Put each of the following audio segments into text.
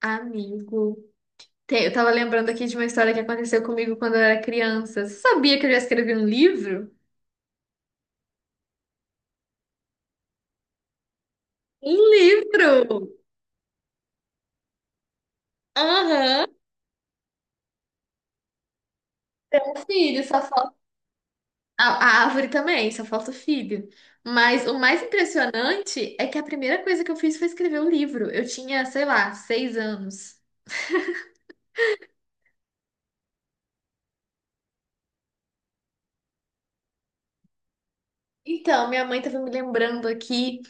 Amigo. Eu tava lembrando aqui de uma história que aconteceu comigo quando eu era criança. Você sabia que eu já escrevi um livro? Um livro! Aham. Um filho, só falta. A, a árvore também, só falta o filho. Mas o mais impressionante é que a primeira coisa que eu fiz foi escrever o livro. Eu tinha, sei lá, 6 anos. Então, minha mãe estava me lembrando aqui,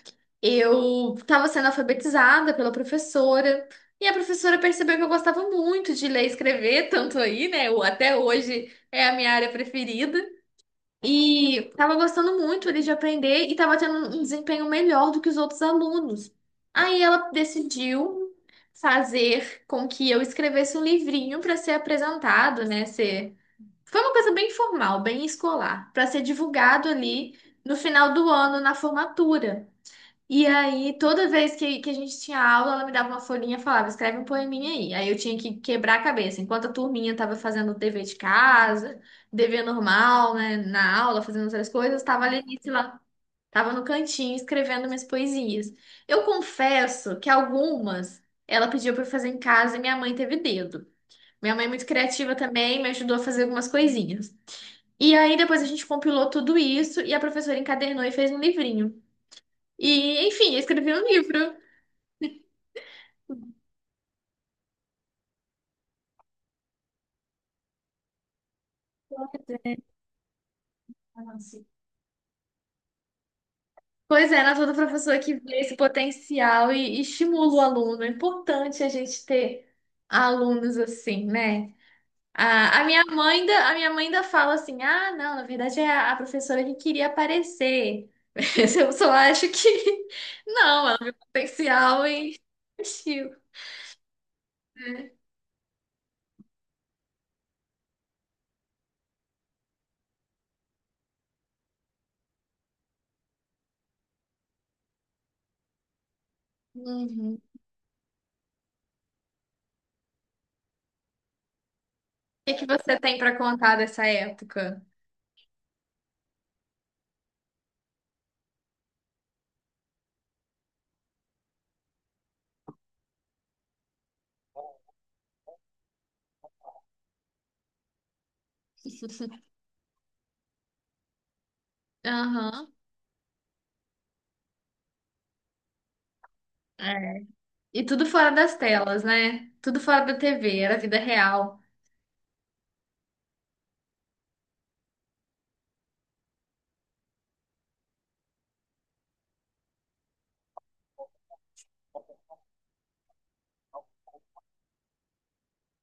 eu estava sendo alfabetizada pela professora, e a professora percebeu que eu gostava muito de ler e escrever, tanto aí, né? Até hoje é a minha área preferida. E estava gostando muito ali de aprender e estava tendo um desempenho melhor do que os outros alunos. Aí ela decidiu fazer com que eu escrevesse um livrinho para ser apresentado, né? Foi uma coisa bem formal, bem escolar, para ser divulgado ali no final do ano, na formatura. E aí, toda vez que a gente tinha aula, ela me dava uma folhinha e falava, escreve um poeminha aí. Aí eu tinha que quebrar a cabeça. Enquanto a turminha estava fazendo o dever de casa, dever normal, né, na aula, fazendo outras coisas, estava ali sei lá, estava no cantinho escrevendo minhas poesias. Eu confesso que algumas ela pediu para eu fazer em casa e minha mãe teve dedo. Minha mãe é muito criativa também, me ajudou a fazer algumas coisinhas. E aí depois a gente compilou tudo isso e a professora encadernou e fez um livrinho. E, enfim, eu escrevi um livro. Pois é, Ana, toda professora que vê esse potencial e estimula o aluno. É importante a gente ter alunos assim, né? A minha mãe ainda, a minha mãe ainda fala assim: ah, não, na verdade é a professora que queria aparecer. Mas eu só acho que não, ela viu potencial e assistiu, né? Uhum. O que que você tem pra contar dessa época? Aham. É. E tudo fora das telas, né? Tudo fora da TV, era vida real.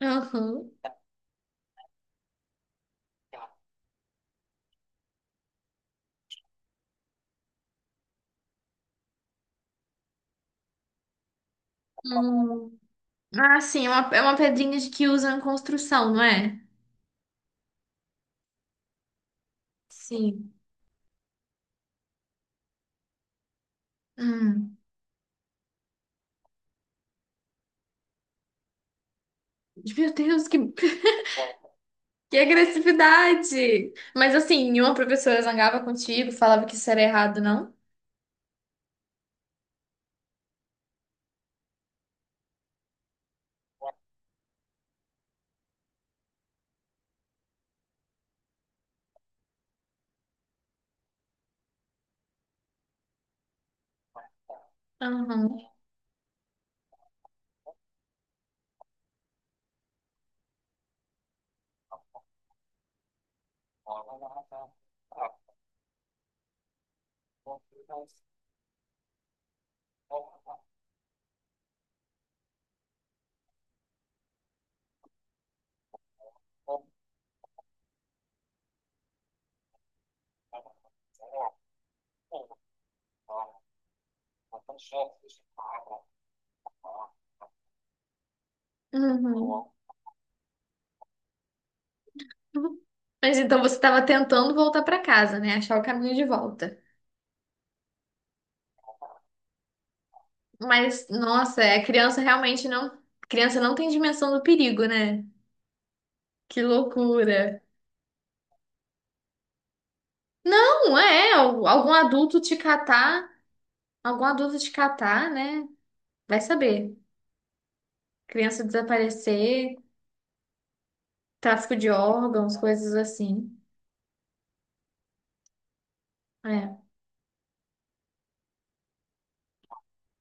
Aham. Hum. Ah, sim, é uma pedrinha de que usam em construção, não é? Sim. Hum. Meu Deus, que, que agressividade! Mas assim, nenhuma professora zangava contigo, falava que isso era errado, não? Aham. Uhum. Mas então você estava tentando voltar para casa, né? Achar o caminho de volta. Mas, nossa, é, a criança realmente não. A criança não tem dimensão do perigo, né? Que loucura. Não, é. Algum adulto te catar, algum adulto te catar, né? Vai saber. Criança desaparecer, tráfico de órgãos, coisas assim. É,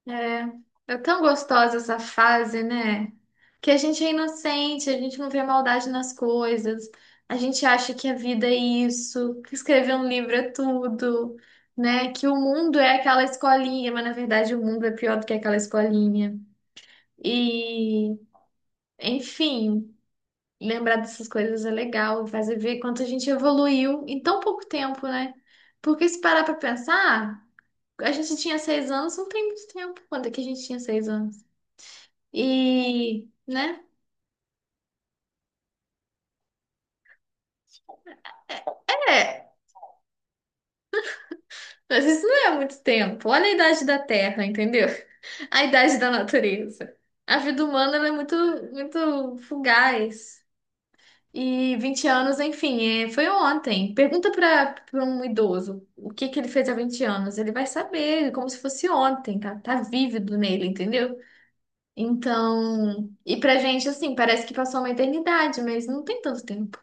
é é tão gostosa essa fase, né? Que a gente é inocente, a gente não vê maldade nas coisas, a gente acha que a vida é isso, que escrever um livro é tudo, né? Que o mundo é aquela escolinha, mas na verdade o mundo é pior do que aquela escolinha. E, enfim, lembrar dessas coisas é legal, faz ver quanto a gente evoluiu em tão pouco tempo, né? Porque se parar pra pensar, a gente tinha 6 anos, não tem muito tempo. Quando é que a gente tinha 6 anos? E, né? É, mas isso não é muito tempo. Olha a idade da Terra, entendeu? A idade da natureza. A vida humana, ela é muito, muito fugaz. E 20 anos, enfim, é, foi ontem. Pergunta para um idoso o que que ele fez há 20 anos. Ele vai saber, como se fosse ontem, tá, tá vívido nele, entendeu? Então, e pra gente, assim, parece que passou uma eternidade, mas não tem tanto tempo.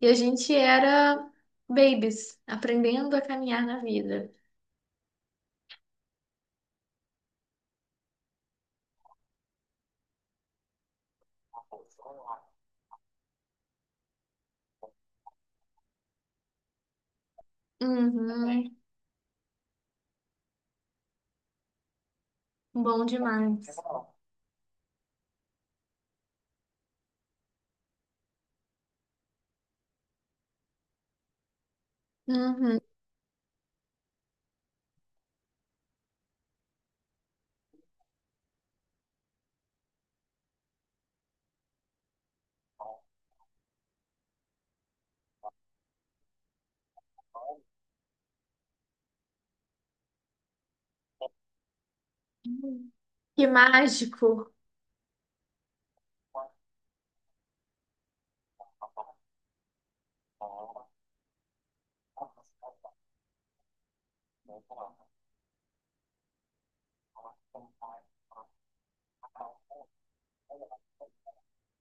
E a gente era babies, aprendendo a caminhar na vida. Uhum, bom demais. Uhum. Que mágico.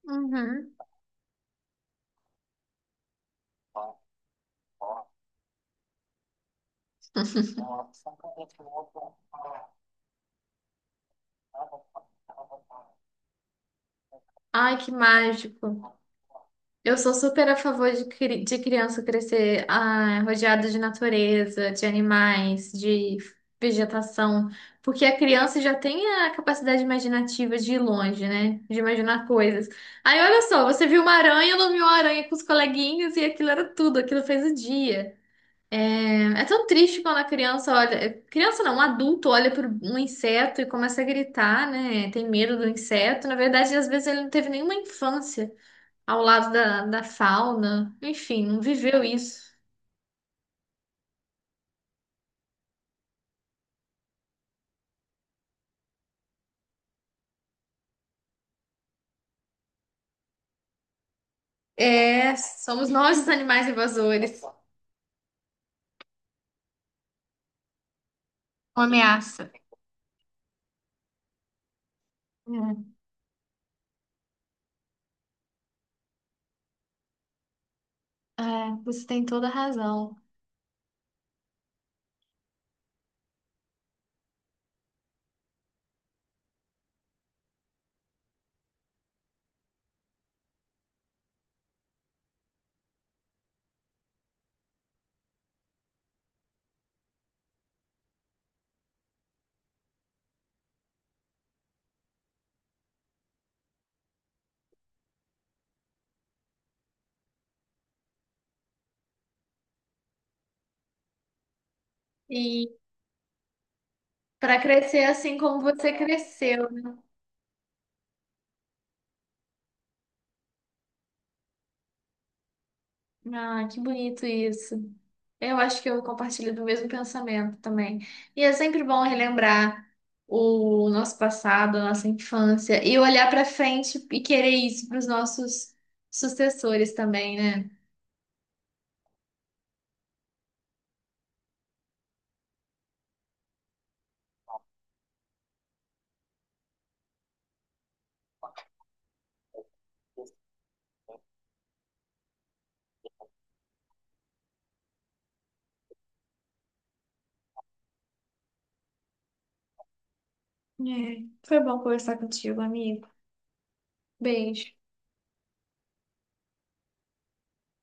Uhum. Ai, que mágico. Eu sou super a favor de, de criança crescer ah, rodeada de natureza, de animais, de vegetação, porque a criança já tem a capacidade imaginativa de ir longe, né? De imaginar coisas. Aí olha só, você viu uma aranha, nomeou a aranha com os coleguinhas e aquilo era tudo, aquilo fez o dia. É, é tão triste quando a criança olha, é, criança não, um adulto olha para um inseto e começa a gritar, né? Tem medo do inseto. Na verdade, às vezes ele não teve nenhuma infância ao lado da fauna. Enfim, não viveu isso. É, somos nós os animais invasores. Uma ameaça. É, é, você tem toda a razão. E para crescer assim como você cresceu, né? Ah, que bonito isso. Eu acho que eu compartilho do mesmo pensamento também. E é sempre bom relembrar o nosso passado, a nossa infância, e olhar para frente e querer isso para os nossos sucessores também, né? É. Foi bom conversar contigo, amigo. Beijo.